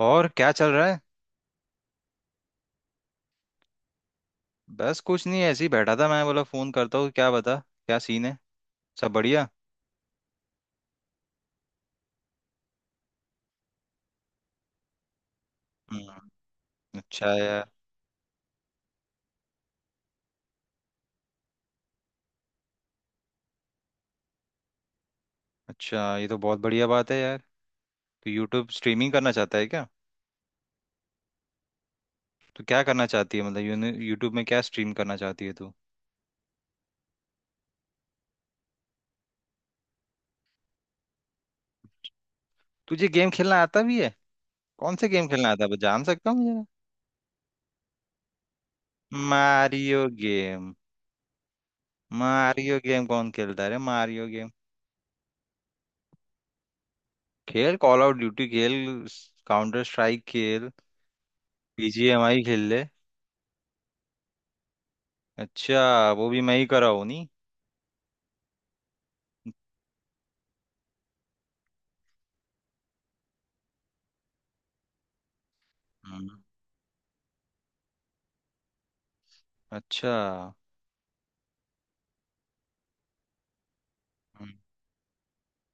और क्या चल रहा है। बस कुछ नहीं, ऐसे ही बैठा था, मैं बोला फोन करता हूँ। क्या बता, क्या सीन है, सब बढ़िया। हम्म। अच्छा यार। अच्छा, ये तो बहुत बढ़िया बात है यार। तो यूट्यूब स्ट्रीमिंग करना चाहता है क्या। तो क्या करना चाहती है, मतलब यूट्यूब में क्या स्ट्रीम करना चाहती है तू। तुझे गेम खेलना आता भी है। कौन से गेम खेलना आता है बस जान सकता हूँ जरा। Mario game. मारियो गेम कौन खेलता है रे, मारियो गेम। खेल कॉल आउट ड्यूटी, खेल काउंटर स्ट्राइक, खेल बीजीएमआई खेल ले। अच्छा, वो भी मैं ही कर रहा हूँ। हम्म। अच्छा। हम्म।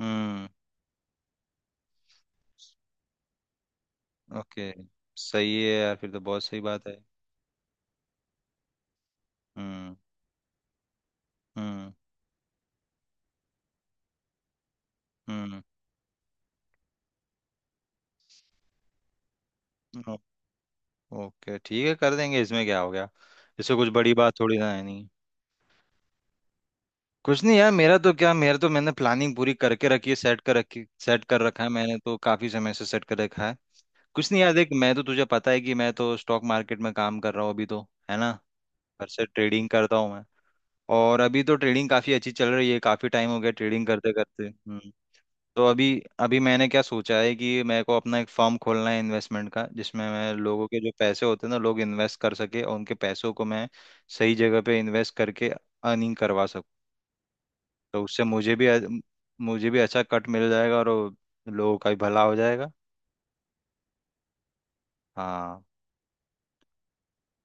हम्म। ओके। सही है यार, फिर तो बहुत सही बात है। हम्म। हम्म। हम्म। ओ- ओके, ठीक है, कर देंगे, इसमें क्या हो गया। इससे कुछ बड़ी बात थोड़ी ना है नहीं। कुछ नहीं यार, मेरा तो मैंने प्लानिंग पूरी करके रखी है, सेट कर रखा है, मैंने तो काफी समय से सेट कर रखा है। कुछ नहीं यार, देख, मैं तो तुझे पता है कि मैं तो स्टॉक मार्केट में काम कर रहा हूँ अभी तो, है ना। घर से ट्रेडिंग करता हूँ मैं। और अभी तो ट्रेडिंग काफी अच्छी चल रही है, काफी टाइम हो गया ट्रेडिंग करते करते। तो अभी अभी मैंने क्या सोचा है कि मेरे को अपना एक फर्म खोलना है इन्वेस्टमेंट का, जिसमें मैं लोगों के जो पैसे होते हैं ना, लोग इन्वेस्ट कर सके और उनके पैसों को मैं सही जगह पे इन्वेस्ट करके अर्निंग करवा सकूं। तो उससे मुझे भी अच्छा कट मिल जाएगा, और वो लोगों का भी भला हो जाएगा। हाँ।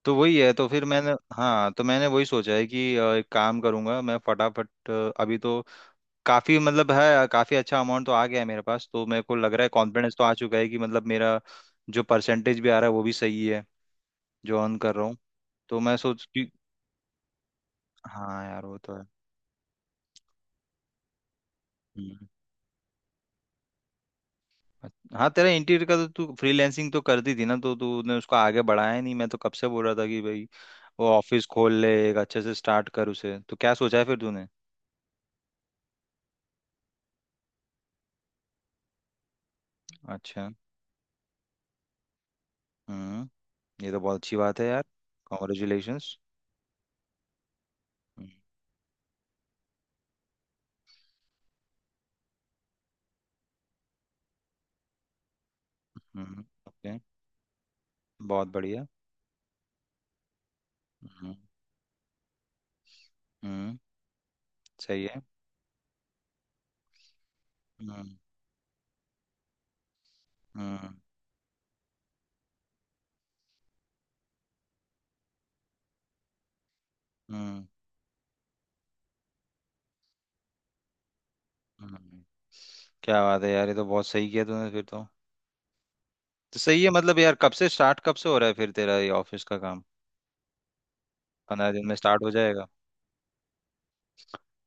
तो वही है तो फिर मैंने हाँ, तो मैंने वही सोचा है कि एक काम करूंगा मैं फटाफट। अभी तो काफी, मतलब है, काफी अच्छा अमाउंट तो आ गया है मेरे पास, तो मेरे को लग रहा है कॉन्फिडेंस तो आ चुका है कि मतलब मेरा जो परसेंटेज भी आ रहा है वो भी सही है, जो अर्न कर रहा हूँ। तो मैं सोच कि, हाँ यार वो तो है। हम्म। हाँ, तेरा इंटीरियर का तो तू फ्रीलैंसिंग तो करती थी ना, तो तूने उसको आगे बढ़ाया नहीं, मैं तो कब से बोल रहा था कि भाई वो ऑफिस खोल ले, एक अच्छे से स्टार्ट कर उसे। तो क्या सोचा है फिर तूने। अच्छा। हम्म। ये तो बहुत अच्छी बात है यार। कॉन्ग्रेचुलेशंस। हम्म। ओके। बहुत बढ़िया। हम्म। हम्म। सही है। हम्म। हम्म। हम्म। हम्म। क्या बात है यार, ये तो बहुत सही किया तूने फिर तो। तो सही है, मतलब यार, कब से स्टार्ट, कब से हो रहा है फिर तेरा ये ऑफिस का काम। 15 दिन में स्टार्ट हो जाएगा।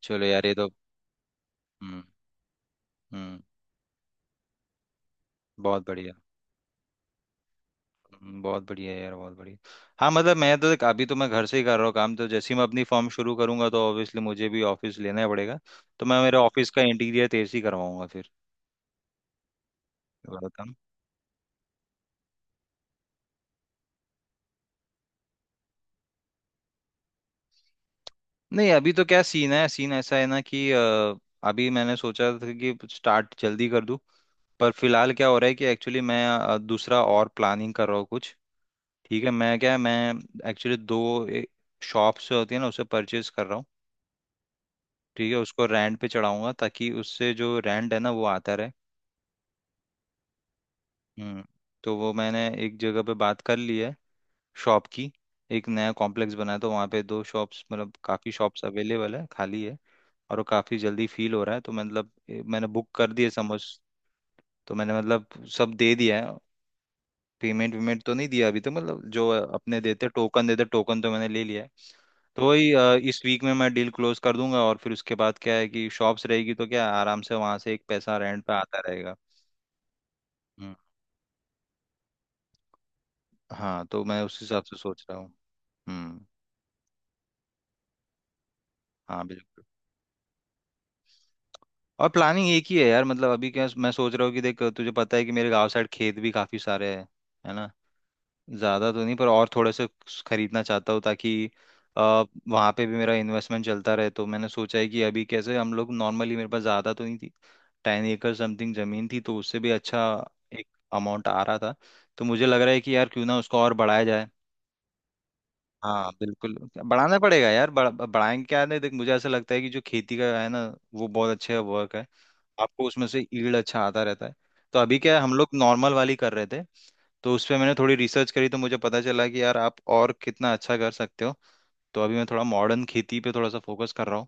चलो यार, ये तो। हम्म। हम्म। बहुत बढ़िया। बहुत बढ़िया यार, बहुत बढ़िया। हाँ, मतलब मैं तो देख, अभी तो मैं घर से ही कर रहा हूँ काम, तो जैसे ही मैं अपनी फर्म शुरू करूंगा तो ऑब्वियसली मुझे भी ऑफिस लेना ही पड़ेगा। तो मैं, मेरे ऑफिस का इंटीरियर तेज ही करवाऊंगा फिर। ये वाला काम। नहीं, अभी तो क्या सीन है, सीन ऐसा है ना कि अभी मैंने सोचा था कि स्टार्ट जल्दी कर दूं। पर फिलहाल क्या हो रहा है कि एक्चुअली मैं दूसरा और प्लानिंग कर रहा हूँ कुछ। ठीक है, मैं क्या है, मैं एक्चुअली दो शॉप्स जो होती है ना, उसे परचेज कर रहा हूँ। ठीक है, उसको रेंट पे चढ़ाऊंगा ताकि उससे जो रेंट है ना वो आता रहे। हम्म। तो वो मैंने एक जगह पे बात कर ली है शॉप की। एक नया कॉम्प्लेक्स बना है, तो वहाँ पे दो शॉप्स, मतलब काफ़ी शॉप्स अवेलेबल है, खाली है। और वो काफ़ी जल्दी फील हो रहा है, तो मतलब मैंने बुक कर दिए, समझ। तो मैंने मतलब सब दे दिया है। पेमेंट वेमेंट तो नहीं दिया अभी, तो मतलब जो अपने देते टोकन तो मैंने ले लिया है। तो वही, इस वीक में मैं डील क्लोज कर दूंगा, और फिर उसके बाद क्या है कि शॉप्स रहेगी, तो क्या है, आराम से वहां से एक पैसा रेंट पे आता रहेगा। हम्म। हाँ, तो मैं उस हिसाब से सोच रहा हूँ। हम्म। हाँ बिल्कुल। और प्लानिंग एक ही है यार, मतलब अभी क्या मैं सोच रहा हूँ कि देख, तुझे पता है कि मेरे गांव साइड खेत भी काफी सारे हैं, है ना। ज़्यादा तो नहीं, पर और थोड़े से खरीदना चाहता हूँ ताकि आ, वहाँ पे भी मेरा इन्वेस्टमेंट चलता रहे। तो मैंने सोचा है कि अभी कैसे, हम लोग नॉर्मली, मेरे पास ज़्यादा तो नहीं थी, 10 एकड़ समथिंग ज़मीन थी, तो उससे भी अच्छा एक अमाउंट आ रहा था, तो मुझे लग रहा है कि यार क्यों ना उसको और बढ़ाया जाए। हाँ बिल्कुल। बढ़ाना पड़ेगा यार। बढ़ाएंगे क्या, नहीं देख, मुझे ऐसा लगता है कि जो खेती का है ना, वो बहुत अच्छा वर्क है, आपको उसमें से ईल्ड अच्छा आता रहता है। तो अभी क्या है, हम लोग नॉर्मल वाली कर रहे थे, तो उस पे मैंने थोड़ी रिसर्च करी, तो मुझे पता चला कि यार आप और कितना अच्छा कर सकते हो। तो अभी मैं थोड़ा मॉडर्न खेती पे थोड़ा सा फोकस कर रहा हूँ।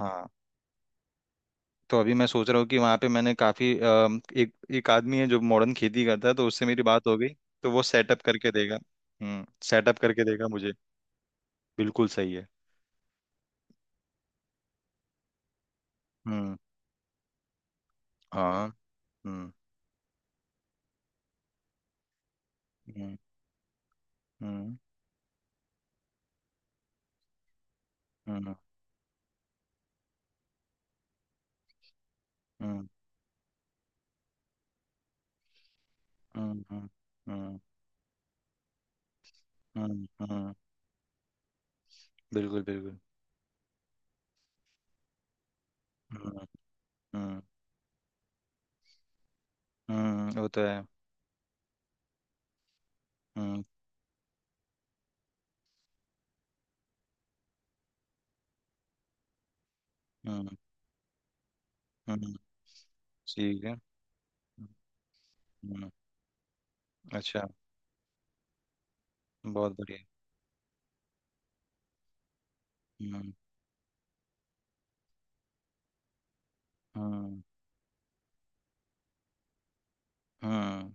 हाँ। तो अभी मैं सोच रहा हूँ कि वहाँ पे मैंने काफ़ी, एक एक आदमी है जो मॉडर्न खेती करता है, तो उससे मेरी बात हो गई। तो वो सेटअप करके देगा। सेटअप करके देगा मुझे। बिल्कुल सही है। हम्म। हाँ। हम्म। हम्म। हम्म। हम्म। हम्म। हम्म। हम्म। हम्म। हम्म। हम्म। बिल्कुल बिल्कुल। हम्म। हम्म। वो तो है। हम्म। हम्म। हम्म। ठीक है। हम्म। अच्छा। बहुत बढ़िया। हम्म। हम्म। हम्म।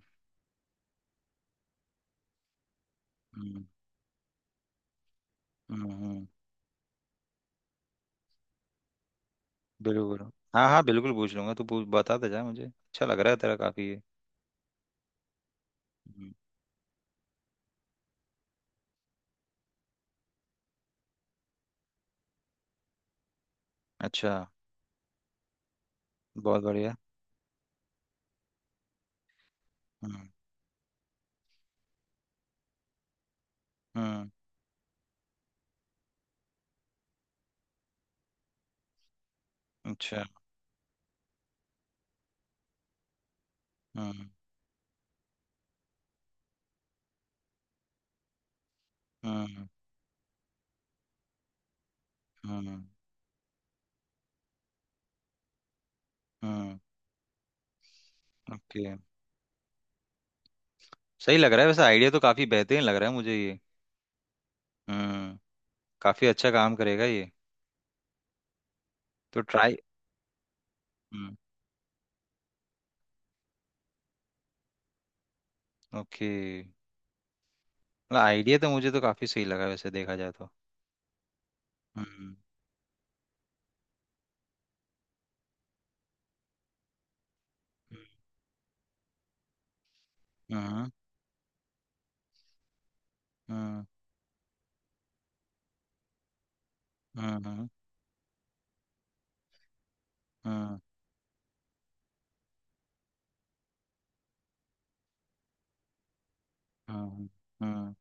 हम्म। हम्म। हम्म। बिल्कुल। हाँ हाँ बिल्कुल, पूछ लूंगा, तू पूछ बताता जा, मुझे अच्छा लग रहा है तेरा, काफी ये। हम्म। अच्छा। बहुत बढ़िया। हम्म। हम्म। अच्छा। हम्म। हम्म। हम्म। हम्म। ओके। सही लग रहा है वैसे, आइडिया तो काफी बेहतरीन लग रहा है मुझे ये। हम्म। काफी अच्छा काम करेगा ये। तो ट्राई। हम्म। ओके। मतलब आइडिया तो मुझे तो काफी सही लगा, वैसे देखा जाए तो। हम्म। हम्म। हम्म। हम्म। हम्म। हम्म। हम्म।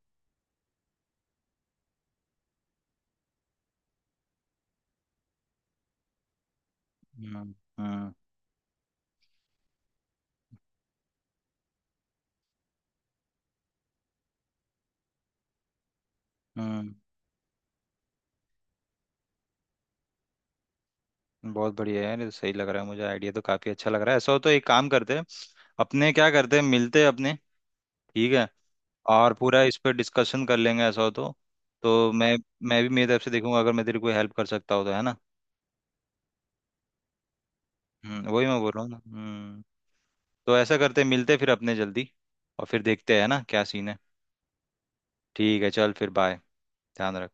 हम्म। हम्म। हम्म। बहुत बढ़िया है यार, ये तो सही लग रहा है मुझे, आइडिया तो काफी अच्छा लग रहा है। ऐसा हो तो एक काम करते हैं अपने, क्या करते हैं, मिलते हैं अपने। ठीक है। और पूरा इस पर डिस्कशन कर लेंगे, ऐसा हो तो। तो मैं भी मेरी तरफ से देखूंगा, अगर मैं तेरी कोई हेल्प कर सकता हो तो, है ना। वही मैं बोल रहा हूँ ना। हम्म। तो ऐसा करते हैं, मिलते हैं फिर अपने जल्दी, और फिर देखते हैं, है ना क्या सीन है। ठीक है, चल फिर बाय। ध्यान रख।